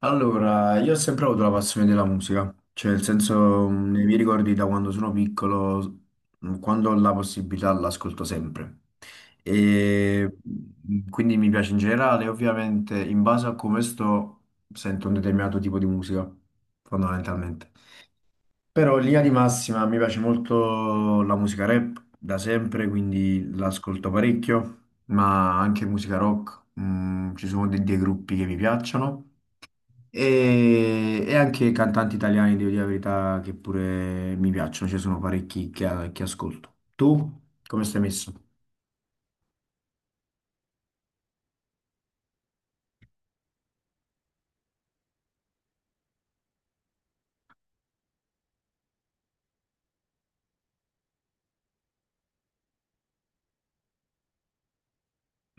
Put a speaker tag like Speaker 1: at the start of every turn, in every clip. Speaker 1: Allora, io ho sempre avuto la passione della musica, cioè nel senso nei miei ricordi da quando sono piccolo, quando ho la possibilità l'ascolto sempre. E quindi mi piace in generale, ovviamente in base a come sto sento un determinato tipo di musica, fondamentalmente. Però in linea di massima mi piace molto la musica rap da sempre, quindi l'ascolto parecchio, ma anche musica rock, ci sono dei gruppi che mi piacciono. E anche cantanti italiani, devo dire la verità, che pure mi piacciono, ci sono parecchi che ascolto. Tu come stai messo?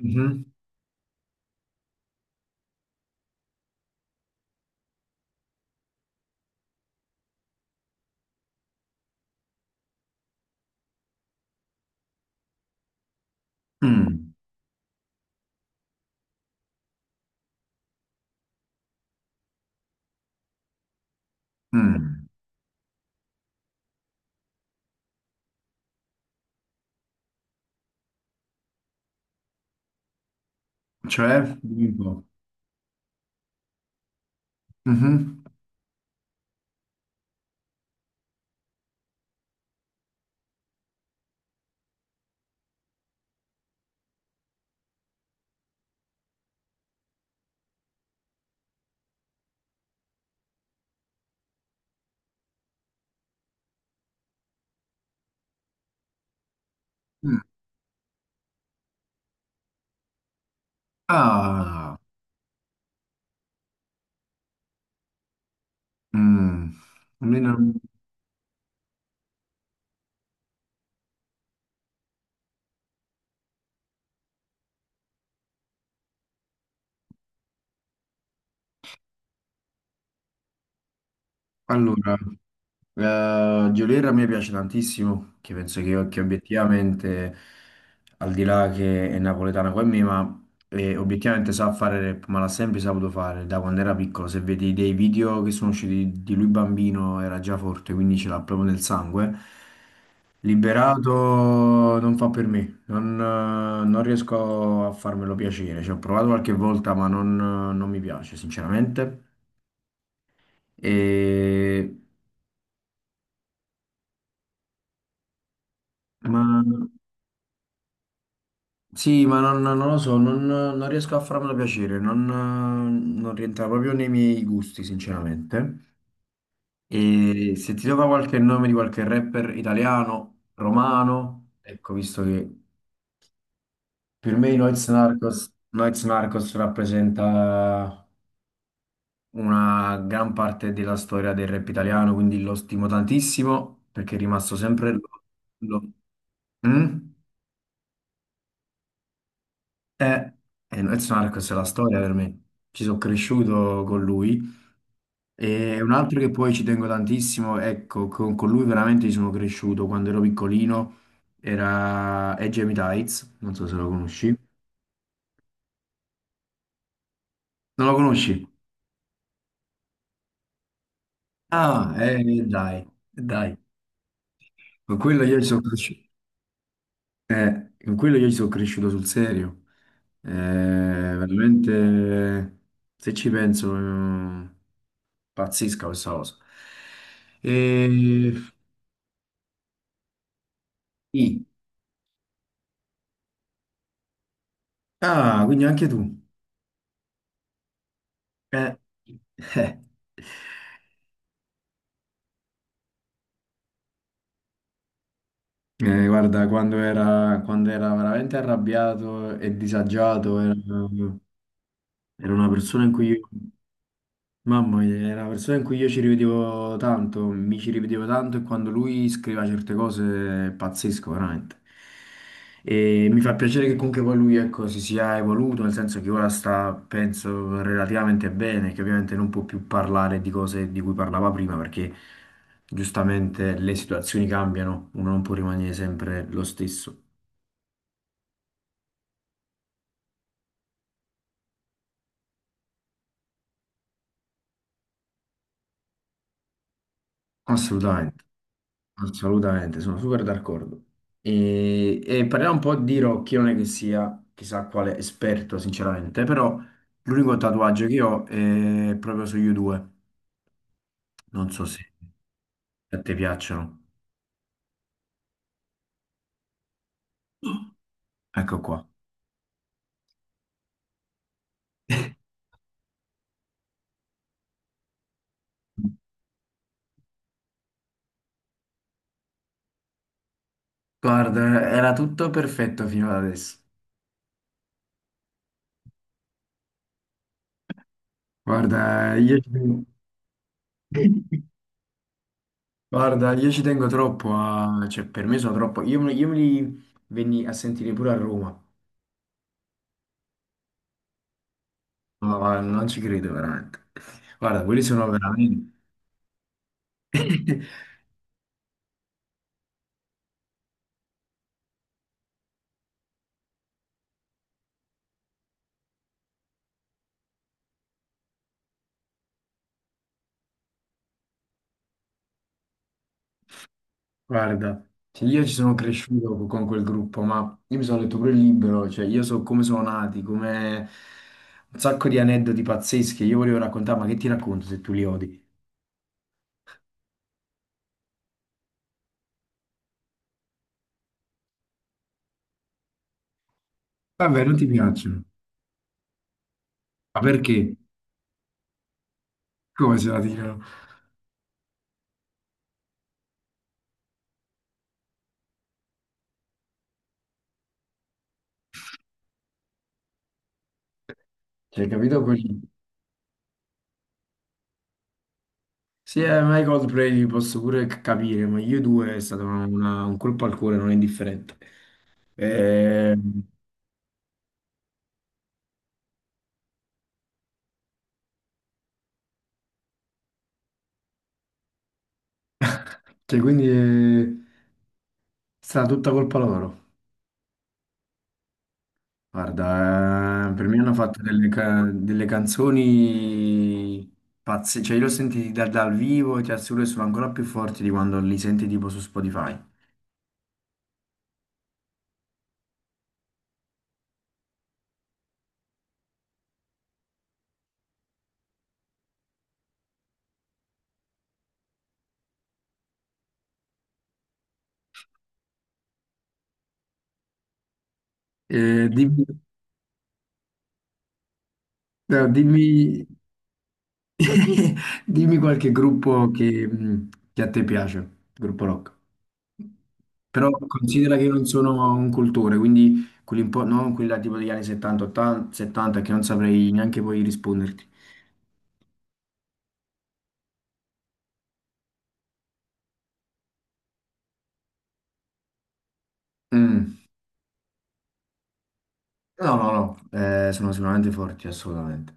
Speaker 1: Mhm. Mm, mm. Cioè, dimmi un po'. Mhm. Mm. Ah, mm. Almeno- Allora. Geolier a me piace tantissimo, che penso che obiettivamente, al di là che è napoletana come me, ma obiettivamente sa fare rap, ma l'ha sempre saputo fare da quando era piccolo. Se vedi dei video che sono usciti di lui bambino, era già forte, quindi ce l'ha proprio nel sangue. Liberato non fa per me, non riesco a farmelo piacere. Ci ho provato qualche volta, ma non mi piace, sinceramente. E... Ma mm. Sì, ma non lo so, non riesco a farmelo piacere, non rientra proprio nei miei gusti, sinceramente. E se ti do qualche nome di qualche rapper italiano, romano, ecco, visto che per me i Noyz Narcos, Noyz Narcos rappresenta una gran parte della storia del rap italiano, quindi lo stimo tantissimo perché è rimasto sempre... lo- Mm? Eh, Noyz Narcos è la storia per me, ci sono cresciuto con lui. E un altro che poi ci tengo tantissimo, ecco, con lui veramente ci sono cresciuto quando ero piccolino, era è Jamie Tights, non so se lo conosci. Non lo conosci? Ah, dai, dai. Con quello io ci sono cresciuto, con quello io ci sono cresciuto sul serio. Veramente, se ci penso, pazzesca questa cosa. E... sì. Ah, quindi anche tu. Eh. Eh. Guarda, quando era veramente arrabbiato e disagiato, era una persona in cui io, mamma mia, era una persona in cui io ci rivedevo tanto, mi ci rivedevo tanto e quando lui scriveva certe cose è pazzesco, veramente. E mi fa piacere che comunque poi lui, ecco, si sia evoluto, nel senso che ora sta, penso, relativamente bene, che ovviamente non può più parlare di cose di cui parlava prima perché giustamente le situazioni cambiano, uno non può rimanere sempre lo stesso. Assolutamente, assolutamente, sono super d'accordo. E parliamo un po' di Rocky, non è che sia chissà quale esperto, sinceramente, però l'unico tatuaggio che ho è proprio sugli U2. Non so se a te piacciono. Ecco qua. Guarda, era tutto perfetto fino ad adesso. Guarda, io ci tengo, guarda, io ci tengo troppo a... cioè per me sono troppo... io me li venni a sentire pure a Roma. No, ma non ci credo veramente. Guarda, quelli sono veramente... Guarda, cioè, io ci sono cresciuto con quel gruppo, ma io mi sono letto pure il libro, cioè io so come sono nati, come un sacco di aneddoti pazzeschi, io volevo raccontare, ma che ti racconto se tu li odi? Vabbè, non ti piacciono. Ma perché? Come se la tirano? Cioè, capito? Quel... Sì, ma i Coldplay li posso pure capire, ma io due è stato un colpo al cuore non indifferente. Eh, cioè, quindi... eh, È stata tutta colpa loro. Guarda, per me hanno fatto delle, delle canzoni pazze, cioè io li ho sentiti dal vivo e ti assicuro che sono ancora più forti di quando li senti tipo su Spotify. Eh, dimmi, no, dimmi, dimmi qualche gruppo che a te piace, gruppo rock. Però considera che io non sono un cultore, quindi quelli un po', no, quelli là tipo degli anni 70, 80, 70 che non saprei neanche poi risponderti. Mm. No, no, no, sono sicuramente forti, assolutamente.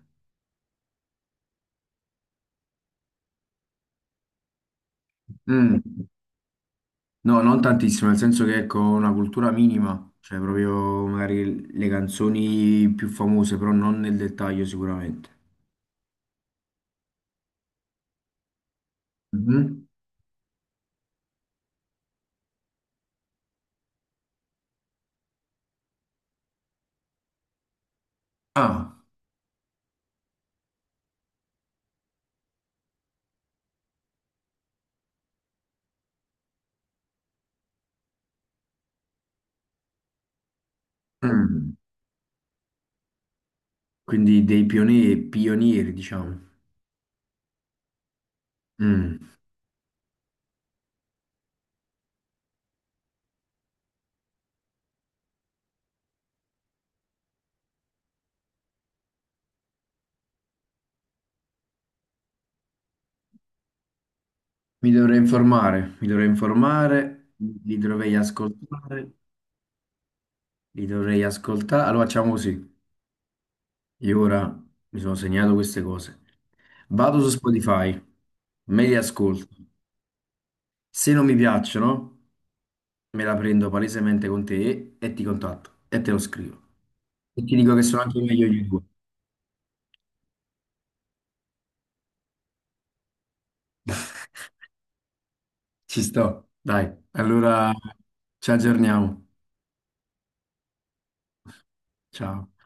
Speaker 1: Mm, no, non tantissimo, nel senso che ecco, una cultura minima, cioè proprio magari le canzoni più famose, però non nel dettaglio sicuramente. Mhm. Ah, mm, quindi dei pionieri, pionieri, diciamo. Mm. Mi dovrei informare, li dovrei ascoltare, li dovrei ascoltare. Allora facciamo così. Io ora mi sono segnato queste cose. Vado su Spotify, me li ascolto. Se non mi piacciono, me la prendo palesemente con te e ti contatto e te lo scrivo. E ti dico che sono anche meglio di due. Ci sto. Dai, allora ci aggiorniamo. Ciao.